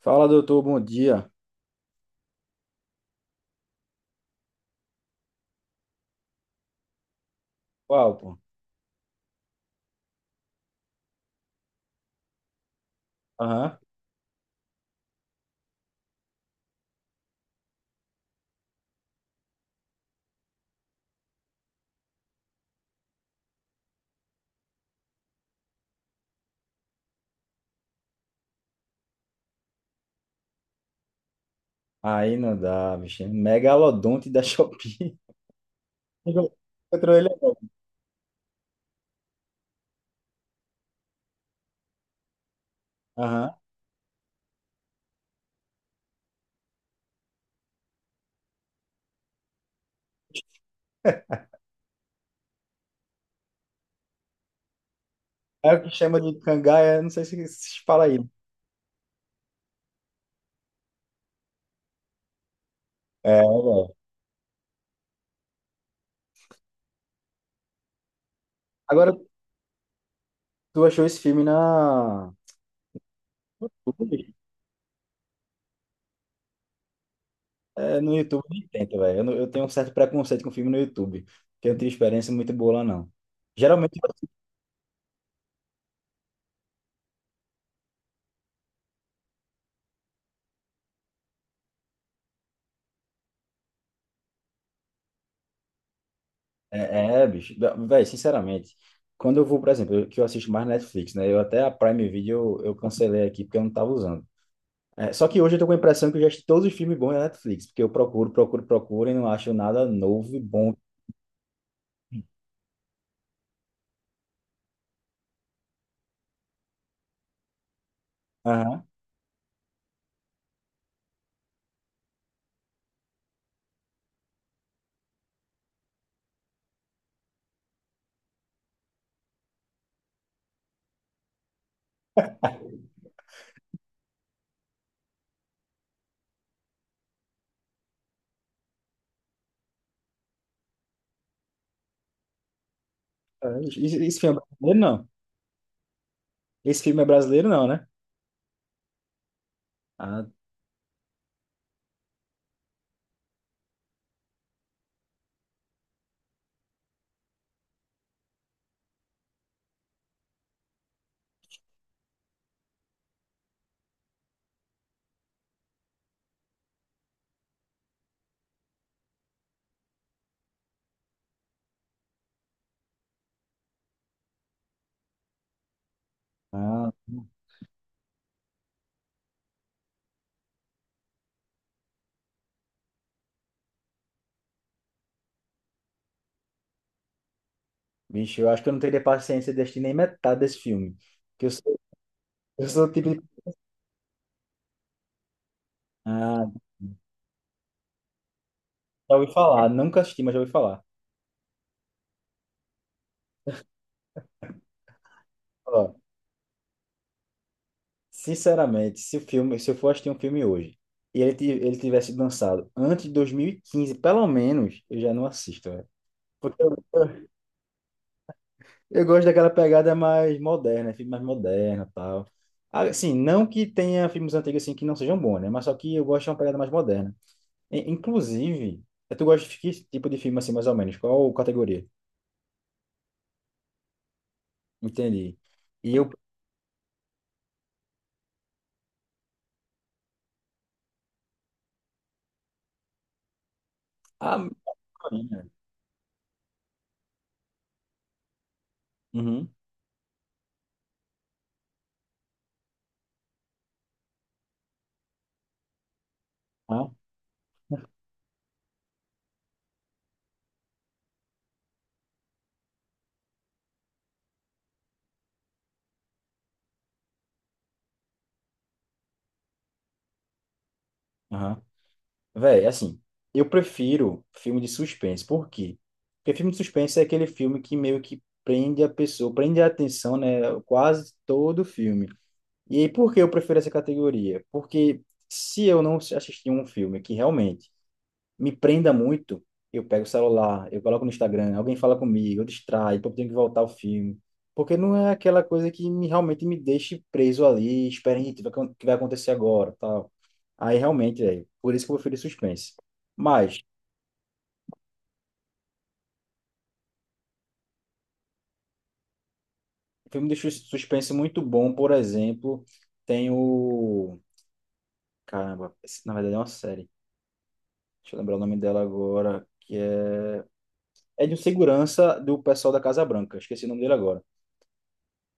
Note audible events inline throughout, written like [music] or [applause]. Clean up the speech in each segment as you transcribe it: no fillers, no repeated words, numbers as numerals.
Fala, doutor, bom dia. Qual, pô? Aham. Aí não dá, bicho. Megalodonte da Shopee. [laughs] Encontrou ele agora. Aham. É o que chama de cangaia, não sei se fala aí. É, velho. Agora, tu achou esse filme na... É, no YouTube nem tenta, velho. Eu, não- Eu tenho um certo preconceito com filme no YouTube, porque eu não tenho experiência muito boa lá, não. Geralmente, é, é bicho. Velho, sinceramente, quando eu vou, por exemplo, que eu assisto mais Netflix, né? Eu até a Prime Video eu cancelei aqui porque eu não tava usando. É, só que hoje eu tô com a impressão que eu já assisti todos os filmes bons na Netflix, porque eu procuro, procuro, procuro e não acho nada novo e bom. Aham. É, esse filme é brasileiro, não. Esse filme é brasileiro, não, né? Ah, ah, bicho, eu acho que eu não teria paciência de assistir nem metade desse filme. Porque eu sou o tipo de... Ah, já ouvi falar, nunca assisti, mas já ouvi falar. Ó, sinceramente, se o filme, se eu for assistir um filme hoje e ele, ele tivesse lançado antes de 2015, pelo menos, eu já não assisto, velho. Porque eu, Eu gosto daquela pegada mais moderna, filme mais moderno, tal. Ah, assim, não que tenha filmes antigos assim que não sejam bons, né? Mas só que eu gosto de uma pegada mais moderna. Inclusive, tu gosta de que tipo de filme assim, mais ou menos? Qual categoria? Entendi. E eu ah, né? Uhum. Ah, aham. Véi, assim, eu prefiro filme de suspense. Por quê? Porque filme de suspense é aquele filme que meio que prende a pessoa, prende a atenção, né? Quase todo o filme. E aí, por que eu prefiro essa categoria? Porque se eu não assistir um filme que realmente me prenda muito, eu pego o celular, eu coloco no Instagram, alguém fala comigo, eu distraio, então eu tenho que voltar ao filme. Porque não é aquela coisa que me, realmente me deixe preso ali, esperando o que vai acontecer agora, tal. Aí, realmente, é por isso que eu prefiro suspense. Mas, filme de suspense muito bom, por exemplo, tem o... Caramba, esse, na verdade é uma série. Deixa eu lembrar o nome dela agora, que é... É de um segurança do pessoal da Casa Branca. Esqueci o nome dele agora.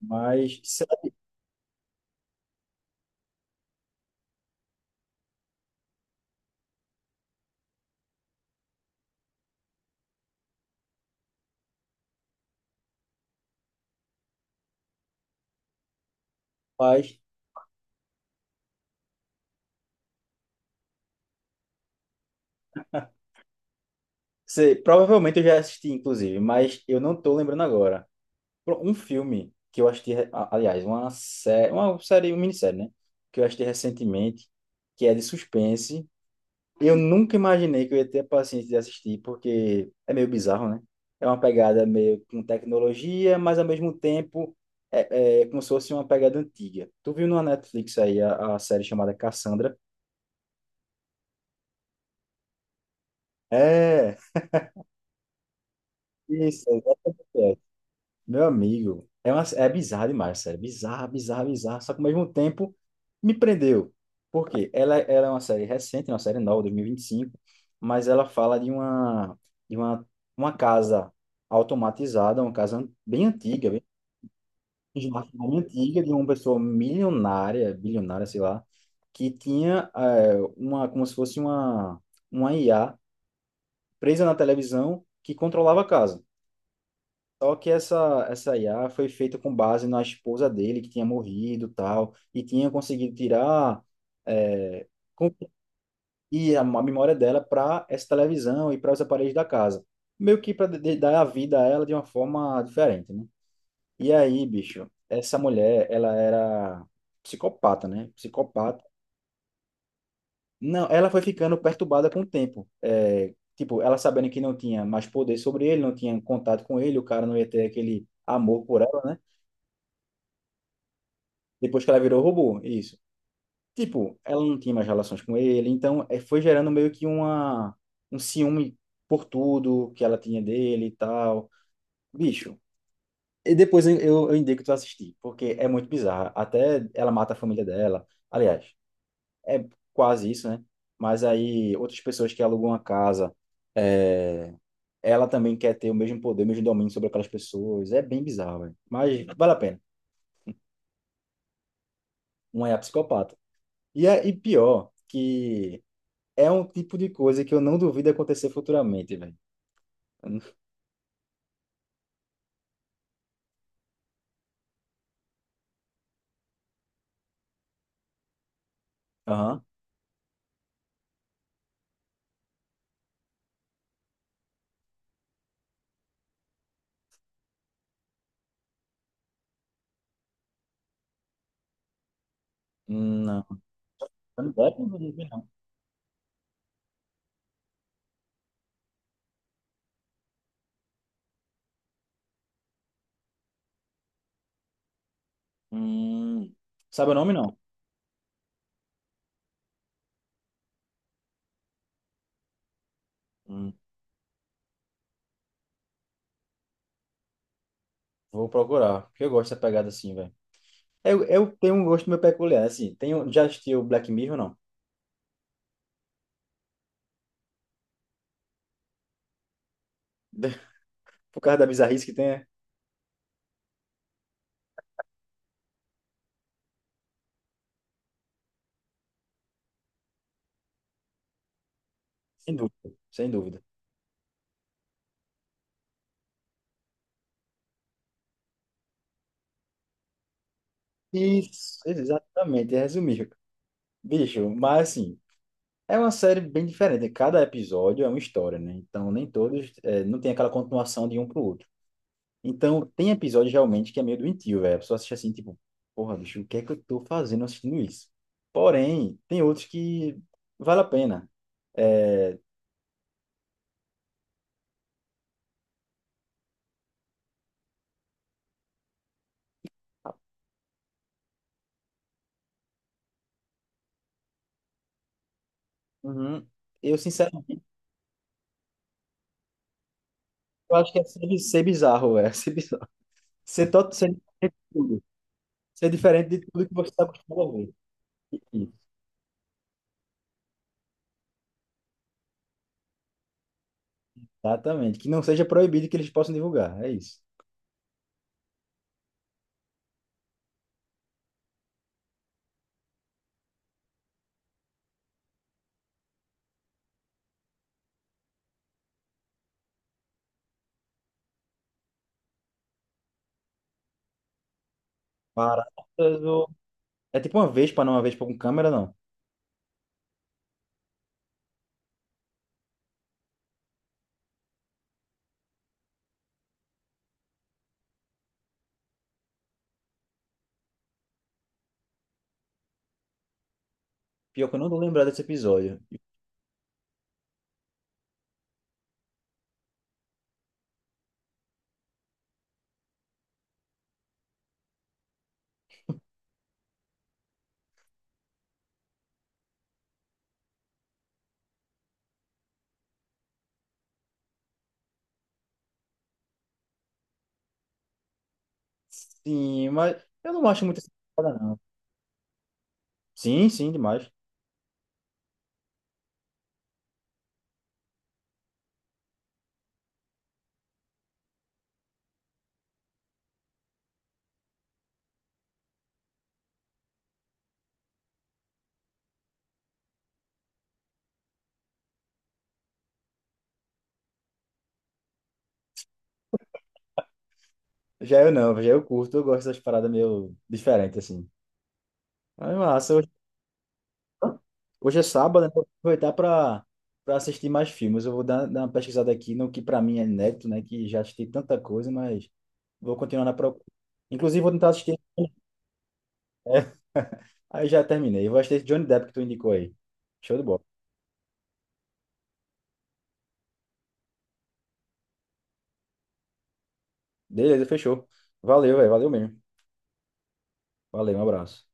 Mas, sei lá, rapaz, sei, provavelmente eu já assisti, inclusive, mas eu não tô lembrando agora. Um filme que eu assisti, aliás, uma minissérie, né? Que eu assisti recentemente, que é de suspense. Eu nunca imaginei que eu ia ter a paciência de assistir, porque é meio bizarro, né? É uma pegada meio com tecnologia, mas ao mesmo tempo é como se fosse uma pegada antiga. Tu viu na Netflix aí a série chamada Cassandra? É, isso, é exatamente essa. Meu amigo, é bizarro demais, sério. Bizarro, bizarro, bizarro. Só que ao mesmo tempo me prendeu. Por quê? Ela é uma série recente, uma série nova, 2025, mas ela fala de uma, uma casa automatizada, uma casa bem antiga, bem antiga, de uma pessoa milionária, bilionária, sei lá, que tinha é, como se fosse uma IA presa na televisão que controlava a casa. Só que essa IA foi feita com base na esposa dele, que tinha morrido e tal, e tinha conseguido tirar é, com- e a memória dela para essa televisão e para os aparelhos da casa. Meio que para dar a vida a ela de uma forma diferente, né? E aí, bicho, essa mulher, ela era psicopata, né? Psicopata. Não, ela foi ficando perturbada com o tempo. É, tipo, ela sabendo que não tinha mais poder sobre ele, não tinha contato com ele, o cara não ia ter aquele amor por ela, né? Depois que ela virou robô, isso. Tipo, ela não tinha mais relações com ele, então foi gerando meio que um ciúme por tudo que ela tinha dele e tal. Bicho. E depois eu indico tu assistir, porque é muito bizarro. Até ela mata a família dela. Aliás, é quase isso, né? Mas aí outras pessoas que alugam uma casa, eh, ela também quer ter o mesmo poder, o mesmo domínio sobre aquelas pessoas. É bem bizarro, velho. Mas vale a pena. Uma é a psicopata. E pior que é um tipo de coisa que eu não duvido acontecer futuramente, velho. Aham. Não. Johnny Depp, não duvido, não. Hum. Sabe o nome, não? Hum. Vou procurar, porque eu gosto dessa pegada assim, velho. Eu tenho um gosto meio peculiar, assim. Tenho, já assistiu Black Mirror, não? [laughs] Por causa da bizarrice que tem, é? Sem dúvida, sem dúvida. Isso, exatamente, é resumir. Bicho, mas assim, é uma série bem diferente, né? Cada episódio é uma história, né? Então, nem todos, é, não tem aquela continuação de um pro outro. Então, tem episódio realmente que é meio doentio, velho. A pessoa assiste assim, tipo, porra, bicho, o que é que eu tô fazendo assistindo isso? Porém, tem outros que vale a pena. É, uhum. Eu, sinceramente, eu acho que é ser bizarro, velho. [laughs] Ser bizarro. Ser diferente de tudo. Ser diferente de tudo que você está acostumado a ver. Isso, exatamente. Que não seja proibido, que eles possam divulgar. É isso. Baratas ou... É tipo uma vez para não uma vez para com câmera, não. Pior que eu não tô lembrado desse episódio. Sim, mas eu não acho muito essa parada. Sim, sim, demais. Já eu não, já eu curto, eu gosto das paradas meio diferentes, assim. Mas massa, hoje, hoje é sábado, né? Vou aproveitar pra, pra assistir mais filmes. Eu vou dar uma pesquisada aqui no que pra mim é inédito, né? Que já assisti tanta coisa, mas vou continuar na procura. Inclusive, vou tentar assistir. É. [laughs] Aí já terminei. Vou assistir Johnny Depp que tu indicou aí. Show de bola. Beleza, fechou. Valeu, velho. Valeu mesmo. Valeu, um abraço.